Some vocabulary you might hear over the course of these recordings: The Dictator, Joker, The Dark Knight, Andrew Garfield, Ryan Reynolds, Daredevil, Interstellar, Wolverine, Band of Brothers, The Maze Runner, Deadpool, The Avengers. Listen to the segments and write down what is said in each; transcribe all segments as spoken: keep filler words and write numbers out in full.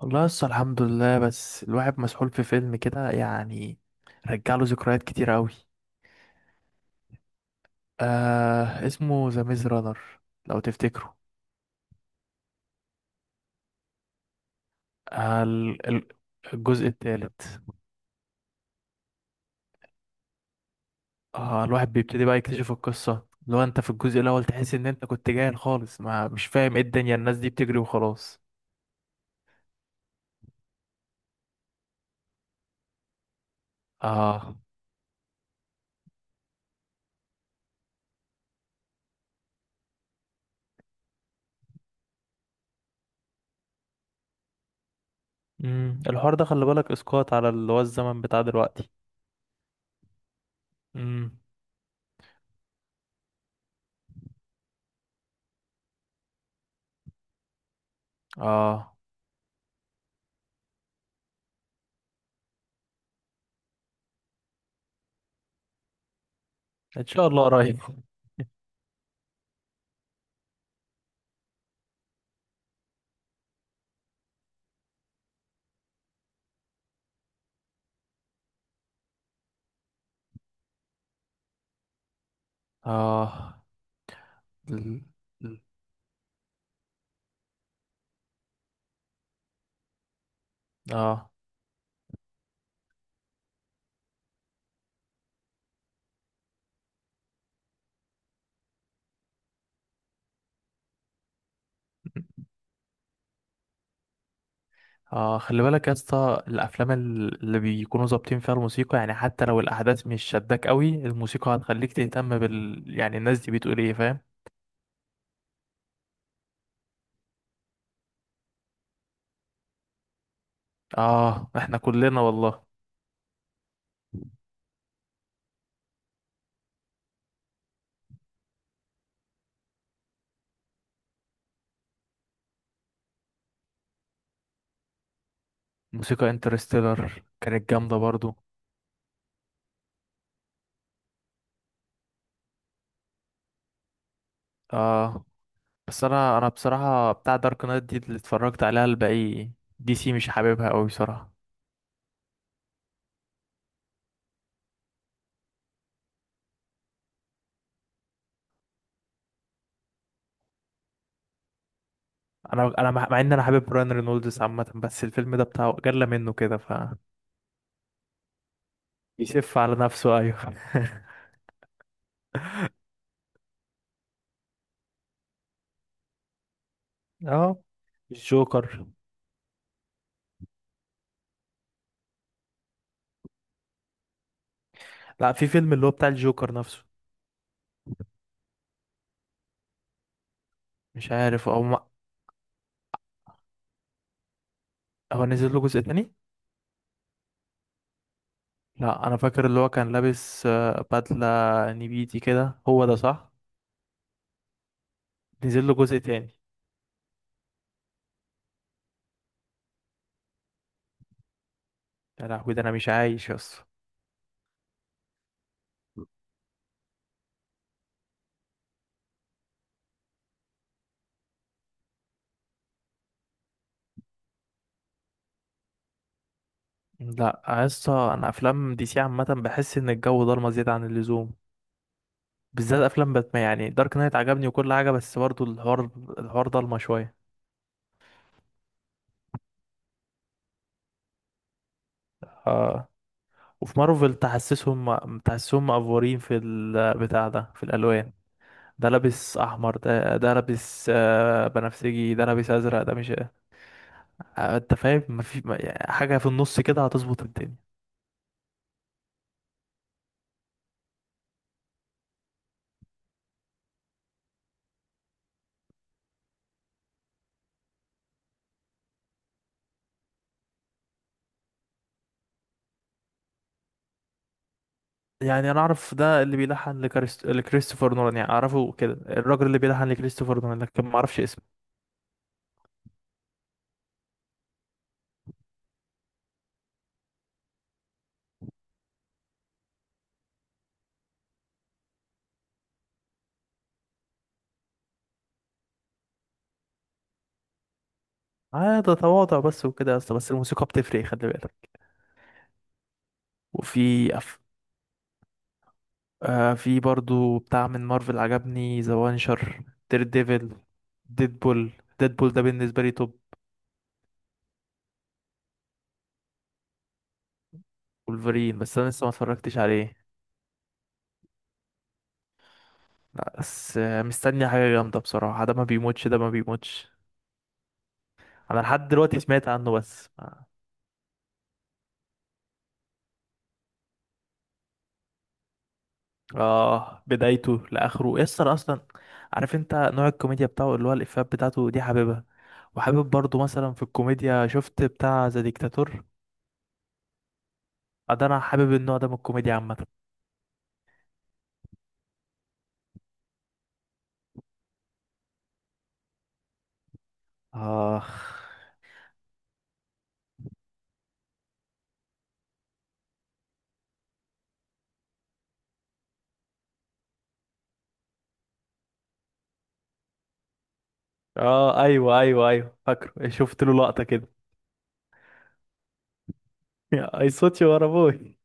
والله لسه الحمد لله، بس الواحد مسحول في فيلم كده يعني. رجع له ذكريات كتير قوي. آه اسمه ذا ميز رانر، لو تفتكره. آه ال- ال- الجزء الثالث. آه الواحد بيبتدي بقى يكتشف القصة. لو انت في الجزء الاول تحس ان انت كنت جاهل خالص، ما مش فاهم ايه الدنيا، الناس دي بتجري وخلاص. اه. امم الحوار ده خلي بالك اسقاط على اللي هو الزمن بتاع دلوقتي. امم. اه، ان شاء الله قريب. اه ال- ال- اه. اه، خلي بالك يا اسطى، الافلام ال- اللي بيكونوا ظابطين فيها الموسيقى، يعني حتى لو الاحداث مش شداك قوي، الموسيقى هتخليك تهتم بال، يعني الناس دي بتقول ايه، فاهم. اه احنا كلنا والله. موسيقى انترستيلر كانت جامده برضو. اه، بس انا انا بصراحه بتاع دارك نايت دي اللي اتفرجت عليها الباقي. دي سي مش حاببها قوي بصراحه. انا انا مع مع ان انا حابب براين رينولدز عامه، بس الفيلم ده بتاعه جلى منه كده، ف يسف على نفسه، ايوه. اه، الجوكر. لا، في فيلم اللي هو بتاع الجوكر نفسه. مش عارف او ما... هو نزل له جزء تاني. لا انا فاكر اللي هو كان لابس آه، بدلة نبيتي كده، هو ده صح؟ نزل له جزء تاني. يا لهوي، ده انا مش عايش يا اسطى. لا يا اسطى، انا افلام دي سي عامه بحس ان الجو ضلمه زياده عن اللزوم. بالذات افلام باتمان. يعني دارك نايت عجبني وكل حاجه، بس برضو الحوار، الحوار ضلمه شويه. آه. وفي مارفل تحسسهم تحسسهم مقفورين في البتاع ده، في الالوان. ده لابس احمر، ده ده لابس آه، بنفسجي، ده لابس ازرق، ده مش، آه، انت فاهم، مفي- ما في حاجه في النص كده هتظبط الدنيا. يعني انا اعرف ده اللي بيلحن لكريست... لكريستوفر نولان. يعني اعرفه كده، الراجل اللي بيلحن لكريستوفر نولان، لكن ما اعرفش اسمه. اه، ده تواضع بس وكده يا اسطى. بس الموسيقى بتفرق، خلي بالك. وفي أف... آه، في برضو بتاع من مارفل عجبني، ذا وانشر، دير ديفل، ديدبول. ديدبول ده بالنسبة لي توب. ولفرين، بس انا لسه ما اتفرجتش عليه. لا بس آه، مستني حاجة جامدة بصراحة. ده ما بيموتش، ده ما بيموتش. انا لحد دلوقتي سمعت عنه بس ما- اه. بدايته لاخره يسر اصلا. عارف انت نوع الكوميديا بتاعه، اللي هو الافيهات بتاعته دي حاببها. وحابب برضو مثلا في الكوميديا، شفت بتاع ذا ديكتاتور. آه، ده انا حابب النوع ده من الكوميديا عامة. اه. اه، ايوه ايوه ايوه، فاكره، شفت له لقطة كده. يا اي صوتي ورا ابوي.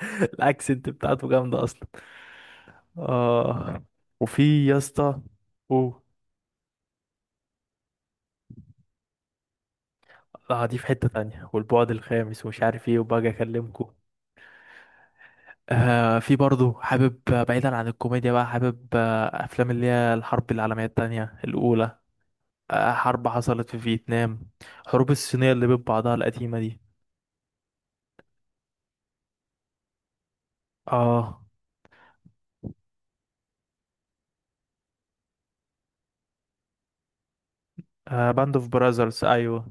الاكسنت بتاعته جامدة اصلا. اه. وفي يا اسطى. اوه. اه، دي في حتة تانية والبعد الخامس ومش عارف ايه، وباجي اكلمكم. آه، في برضه حابب، آه، بعيدا عن الكوميديا بقى، حابب آه افلام اللي هي الحرب العالمية التانية، الاولى. آه، حرب حصلت في فيتنام، حروب الصينية اللي بين بعضها القديمة دي. اه. آه، باند اوف براذرز، ايوه.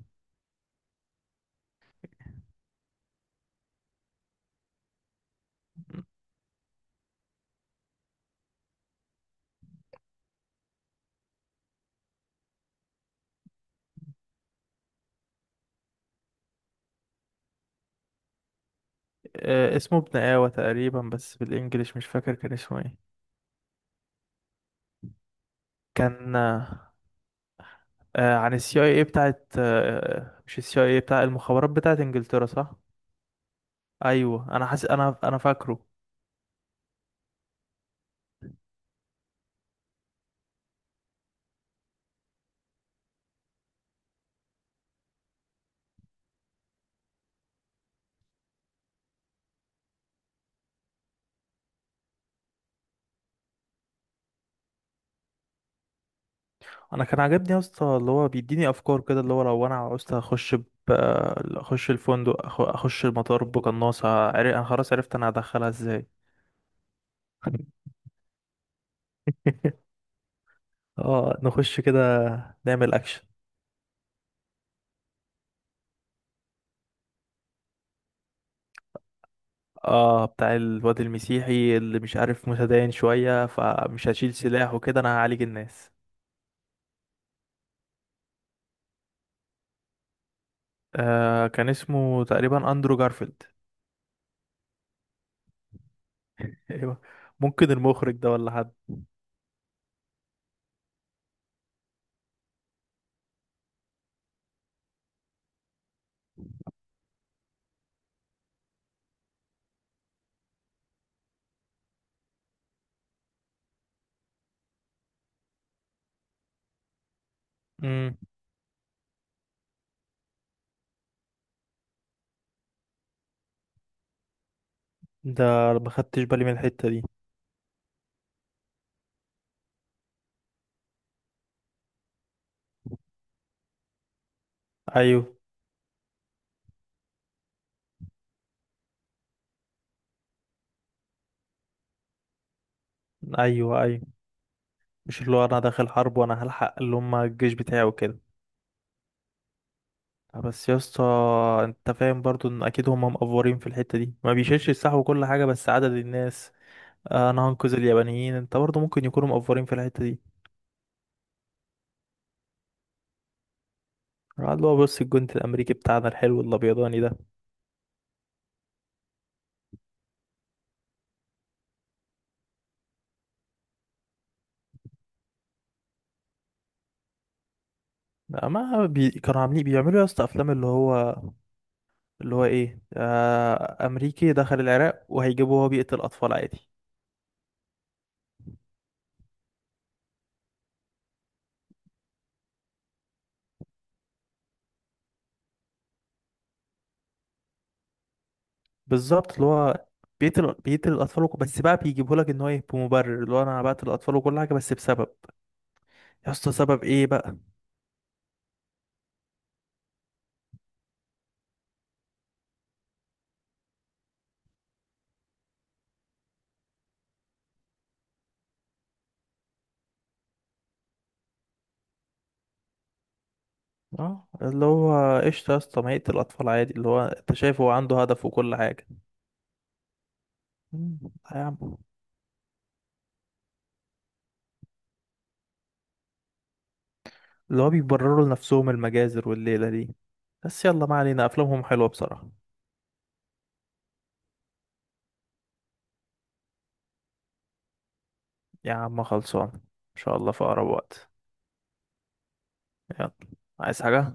آه، اسمه ابن آوى تقريبا، بس بالانجليش مش فاكر كان اسمه ايه. كان آه، آه، عن السي اي اي بتاعت، آه، مش السي اي اي، بتاع المخابرات بتاعت انجلترا، صح؟ ايوه، انا حاسس انا انا فاكره. انا كان عاجبني يا اسطى، اللي هو بيديني افكار كده، اللي هو لو انا عاوزت اخش ب... آه، اخش الفندق، أخ- اخش المطار بقناصة، عر- انا خلاص عرفت انا هدخلها ازاي. اه، نخش كده، نعمل اكشن. اه، بتاع الواد المسيحي اللي مش عارف متدين شوية، فمش هشيل سلاح وكده، انا هعالج الناس. آه كان اسمه تقريبا اندرو جارفيلد. ايوه. ممكن المخرج ده ولا حد. امم. ده ما خدتش بالي من الحتة دي. ايوه ايوه ايوه. مش اللي هو انا داخل حرب وانا هلحق اللي هم الجيش بتاعي وكده. بس يا اسطى، انت فاهم برضو ان اكيد هم مقفورين في الحتة دي، ما بيشيلش السلاح وكل حاجة، بس عدد الناس، آه، انا هنقذ اليابانيين، انت برضو ممكن يكونوا مقفورين في الحتة دي. قعد اللي هو بص الجندي الامريكي بتاعنا الحلو الابيضاني ده. ما بي... كانوا عاملين، بيعملوا يا اسطى افلام اللي هو، اللي هو ايه، آه... امريكي دخل العراق وهيجيبه وهو بيقتل اطفال عادي. بالظبط، اللي هو بيقتل بيقتل الاطفال، وك- بس بقى بيجيبه لك ان هو ايه، بمبرر اللي هو انا بقتل الاطفال وكل حاجه، بس بسبب. يا اسطى سبب ايه بقى؟ اه، اللي هو قشطه يا اسطى، ما يقتل الاطفال عادي، اللي هو انت شايف هو عنده هدف وكل حاجه. مم. يا عم، اللي هو بيبرروا لنفسهم المجازر والليلة دي. بس يلا، ما علينا، أفلامهم حلوة بصراحة. يا عم خلصان، إن شاء الله في أقرب وقت. يلا. عايز حاجة؟